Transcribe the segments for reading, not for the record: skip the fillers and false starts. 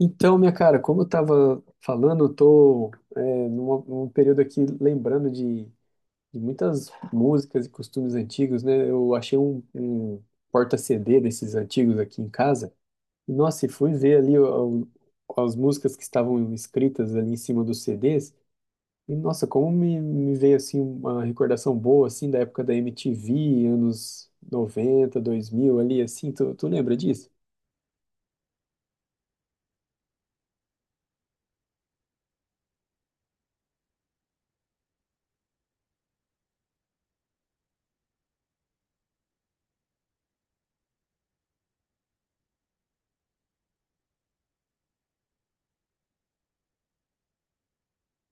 Então, minha cara, como eu estava falando, eu tô num período aqui lembrando de muitas músicas e costumes antigos, né? Eu achei um porta-CD desses antigos aqui em casa. E, nossa, e fui ver ali as músicas que estavam escritas ali em cima dos CDs. E, nossa, como me veio, assim, uma recordação boa, assim, da época da MTV, anos 90, 2000, ali, assim. Tu lembra disso?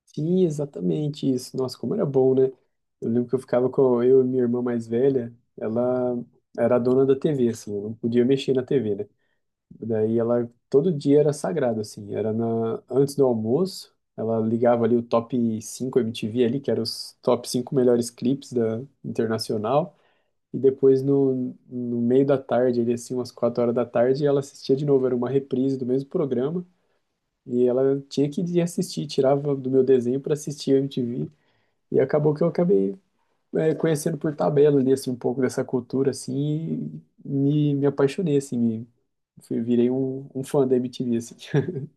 Sim, exatamente isso. Nossa, como era bom, né? Eu lembro que eu ficava com eu e minha irmã mais velha, ela era a dona da TV, assim, eu não podia mexer na TV, né? Daí ela, todo dia era sagrado, assim, era antes do almoço, ela ligava ali o top 5 MTV ali, que eram os top 5 melhores clipes da Internacional, e depois no meio da tarde, ali assim, umas 4 horas da tarde, ela assistia de novo, era uma reprise do mesmo programa, e ela tinha que ir assistir, tirava do meu desenho para assistir a MTV. E acabou que eu acabei, conhecendo por tabela ali, assim, um pouco dessa cultura, assim, e me apaixonei, assim, virei um fã da MTV, assim.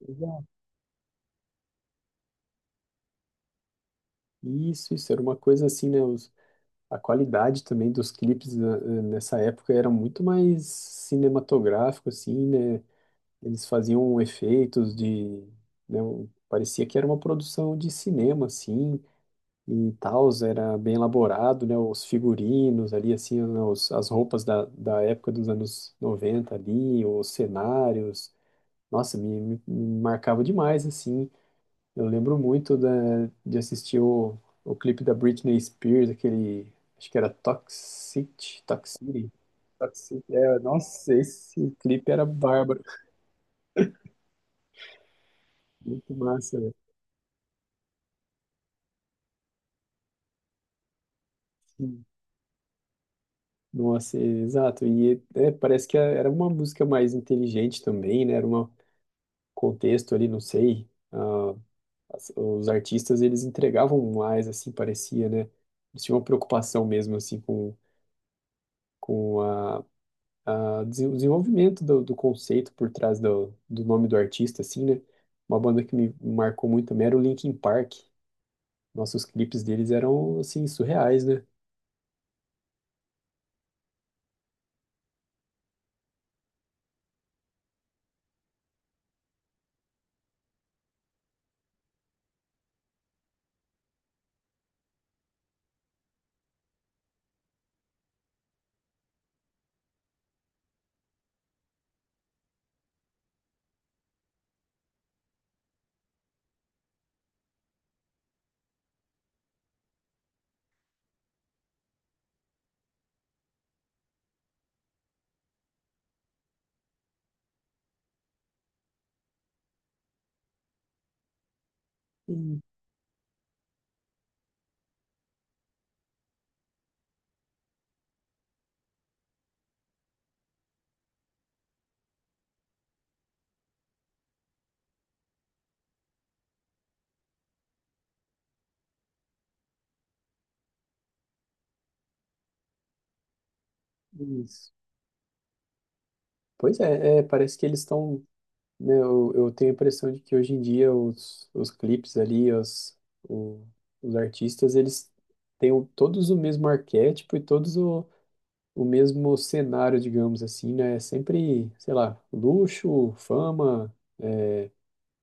Exato. Isso, era uma coisa assim, né? A qualidade também dos clipes, né, nessa época era muito mais cinematográfico, assim, né? Eles faziam efeitos de, né, parecia que era uma produção de cinema, assim, e tal, era bem elaborado, né? Os figurinos ali, assim, né, as roupas da época dos anos 90 ali, os cenários, nossa, me marcava demais, assim. Eu lembro muito da, de assistir o clipe da Britney Spears, aquele, acho que era Toxic, Toxicity, Toxic, é, nossa, esse clipe era bárbaro, muito massa, velho. Nossa, exato. E parece que era uma música mais inteligente também, né? Era uma, contexto ali, não sei, ah, os artistas, eles entregavam mais, assim, parecia, né? Eles tinham uma preocupação mesmo, assim, com o desenvolvimento do conceito por trás do nome do artista, assim, né? Uma banda que me marcou muito também era o Linkin Park. Nossos clipes deles eram, assim, surreais, né? E- e- Pois é, parece que eles estão. Eu tenho a impressão de que hoje em dia os clipes ali, o- os artistas, eles têm todos o mesmo arquétipo e todos o mesmo cenário, digamos assim, né? É sempre, sei lá, luxo, fama,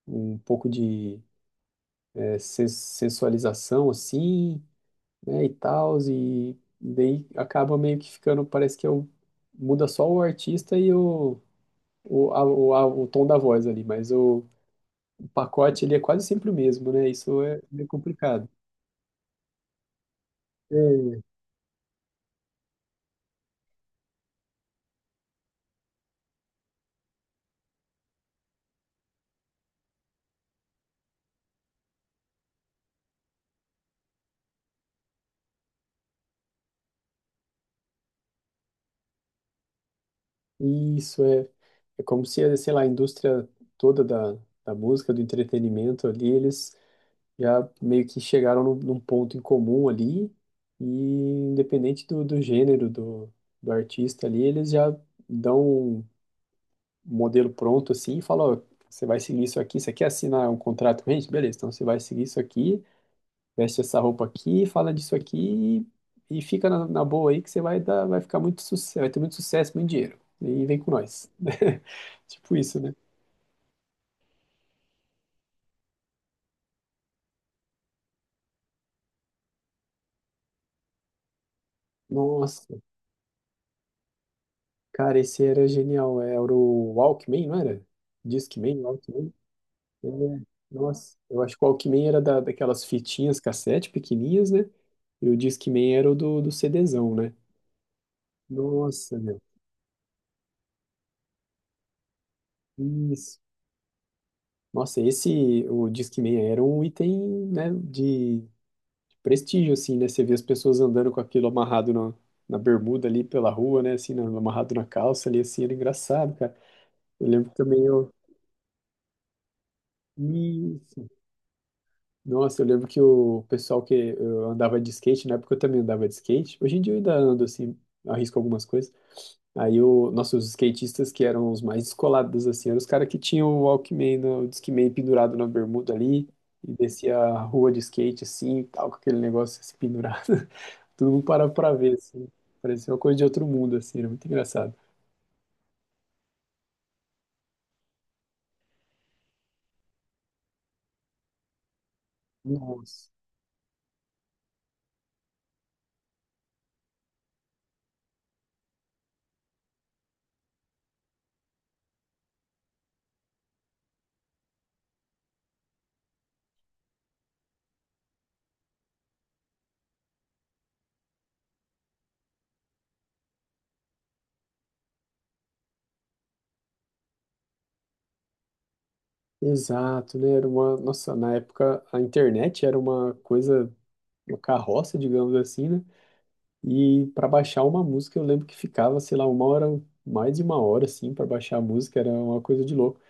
um pouco de sensualização, assim, né? E tal, e daí acaba meio que ficando, parece que é o, muda só o artista e o tom da voz ali, mas o pacote, ele é quase sempre o mesmo, né? Isso é meio complicado. É. Isso é como se, sei lá, a indústria toda da música, do entretenimento ali, eles já meio que chegaram num ponto em comum ali, e independente do gênero do artista ali, eles já dão um modelo pronto assim e falam, ó, você vai seguir isso aqui, você quer assinar um contrato com a gente? Beleza, então você vai seguir isso aqui, veste essa roupa aqui, fala disso aqui e fica na boa aí que você vai dar, vai ficar muito sucesso, vai ter muito sucesso, muito dinheiro. E vem com nós. Tipo isso, né? Nossa, cara, esse era genial. Era o Walkman, não era? Discman, Walkman. É, nossa, eu acho que o Walkman era daquelas fitinhas cassete pequenininhas, né? E o Discman era o do CDzão, né? Nossa, meu. Isso. Nossa, esse, o Discman era um item, né, de prestígio, assim, né? Você vê as pessoas andando com aquilo amarrado na bermuda ali pela rua, né? Assim, amarrado na calça ali, assim, era engraçado, cara. Eu lembro que também eu. Isso. Nossa, eu lembro que o pessoal que eu andava de skate, na época eu também andava de skate. Hoje em dia eu ainda ando, assim, arrisco algumas coisas. Aí nossa, os skatistas que eram os mais descolados, assim, eram os caras que tinham o Walkman, né, o Discman pendurado na bermuda ali, e descia a rua de skate, assim, e tal, com aquele negócio assim, pendurado. Todo mundo parava pra ver, assim. Parecia uma coisa de outro mundo, assim, era muito engraçado. Nossa. Exato, né? Era uma. Nossa, na época a internet era uma coisa, uma carroça, digamos assim, né? E para baixar uma música, eu lembro que ficava, sei lá, uma hora, mais de uma hora, assim, para baixar a música, era uma coisa de louco.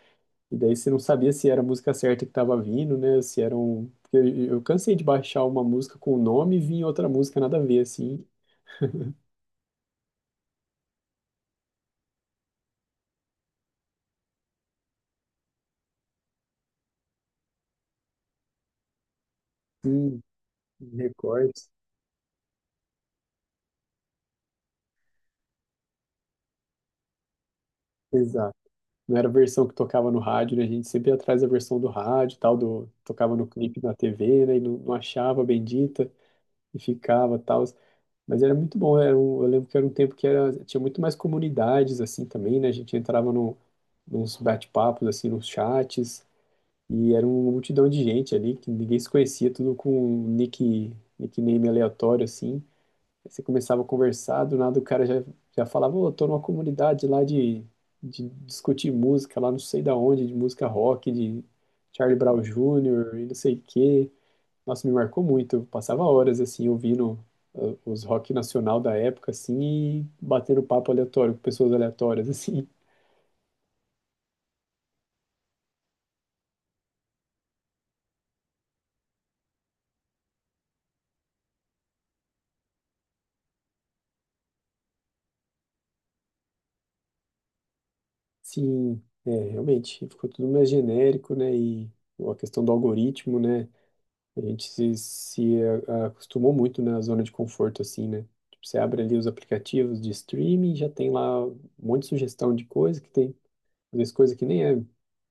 E daí você não sabia se era a música certa que tava vindo, né? Se era um. Porque eu cansei de baixar uma música com o nome e vinha outra música nada a ver, assim. Sim, recortes. Exato. Não era a versão que tocava no rádio, né? A gente sempre ia atrás da versão do rádio, e tal, do tocava no clipe na TV, né? E não achava a bendita e ficava, tal. Mas era muito bom, era eu lembro que era um tempo que era, tinha muito mais comunidades assim também, né? A gente entrava no, nos bate-papos assim, nos chats e era uma multidão de gente ali que ninguém se conhecia, tudo com um nickname aleatório assim. Aí você começava a conversar, do nada o cara já falava, ô, tô numa comunidade lá de discutir música, lá não sei da onde, de música rock, de Charlie Brown Jr. e não sei o quê. Nossa, me marcou muito. Eu passava horas, assim, ouvindo os rock nacional da época, assim, e batendo papo aleatório com pessoas aleatórias, assim. Sim, é, realmente, ficou tudo mais genérico, né, e a questão do algoritmo, né. A gente se, se a- acostumou muito, né, na zona de conforto, assim, né? Tipo, você abre ali os aplicativos de streaming, já tem lá um monte de sugestão de coisa que tem, às vezes coisa que nem é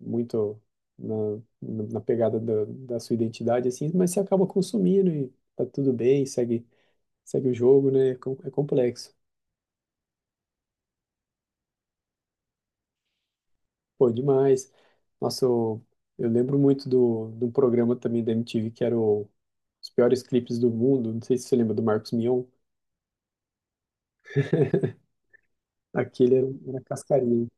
muito na, na pegada da sua identidade, assim, mas você acaba consumindo e tá tudo bem, segue, segue o jogo, né? É complexo. Pô, demais. Nossa, eu lembro muito do programa também da MTV que era os piores clipes do mundo. Não sei se você lembra do Marcos Mion. Aquele era cascarinha.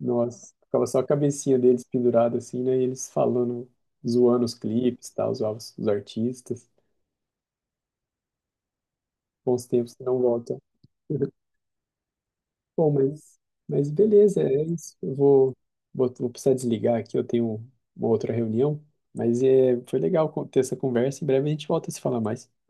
Nossa, ficava só a cabecinha deles pendurada assim, né? E eles falando, zoando os clipes, tal, zoavam os artistas. Bons tempos que não voltam. Bom, mas beleza, é isso. Eu vou precisar desligar aqui, eu tenho uma outra reunião. Mas foi legal ter essa conversa. Em breve a gente volta a se falar mais.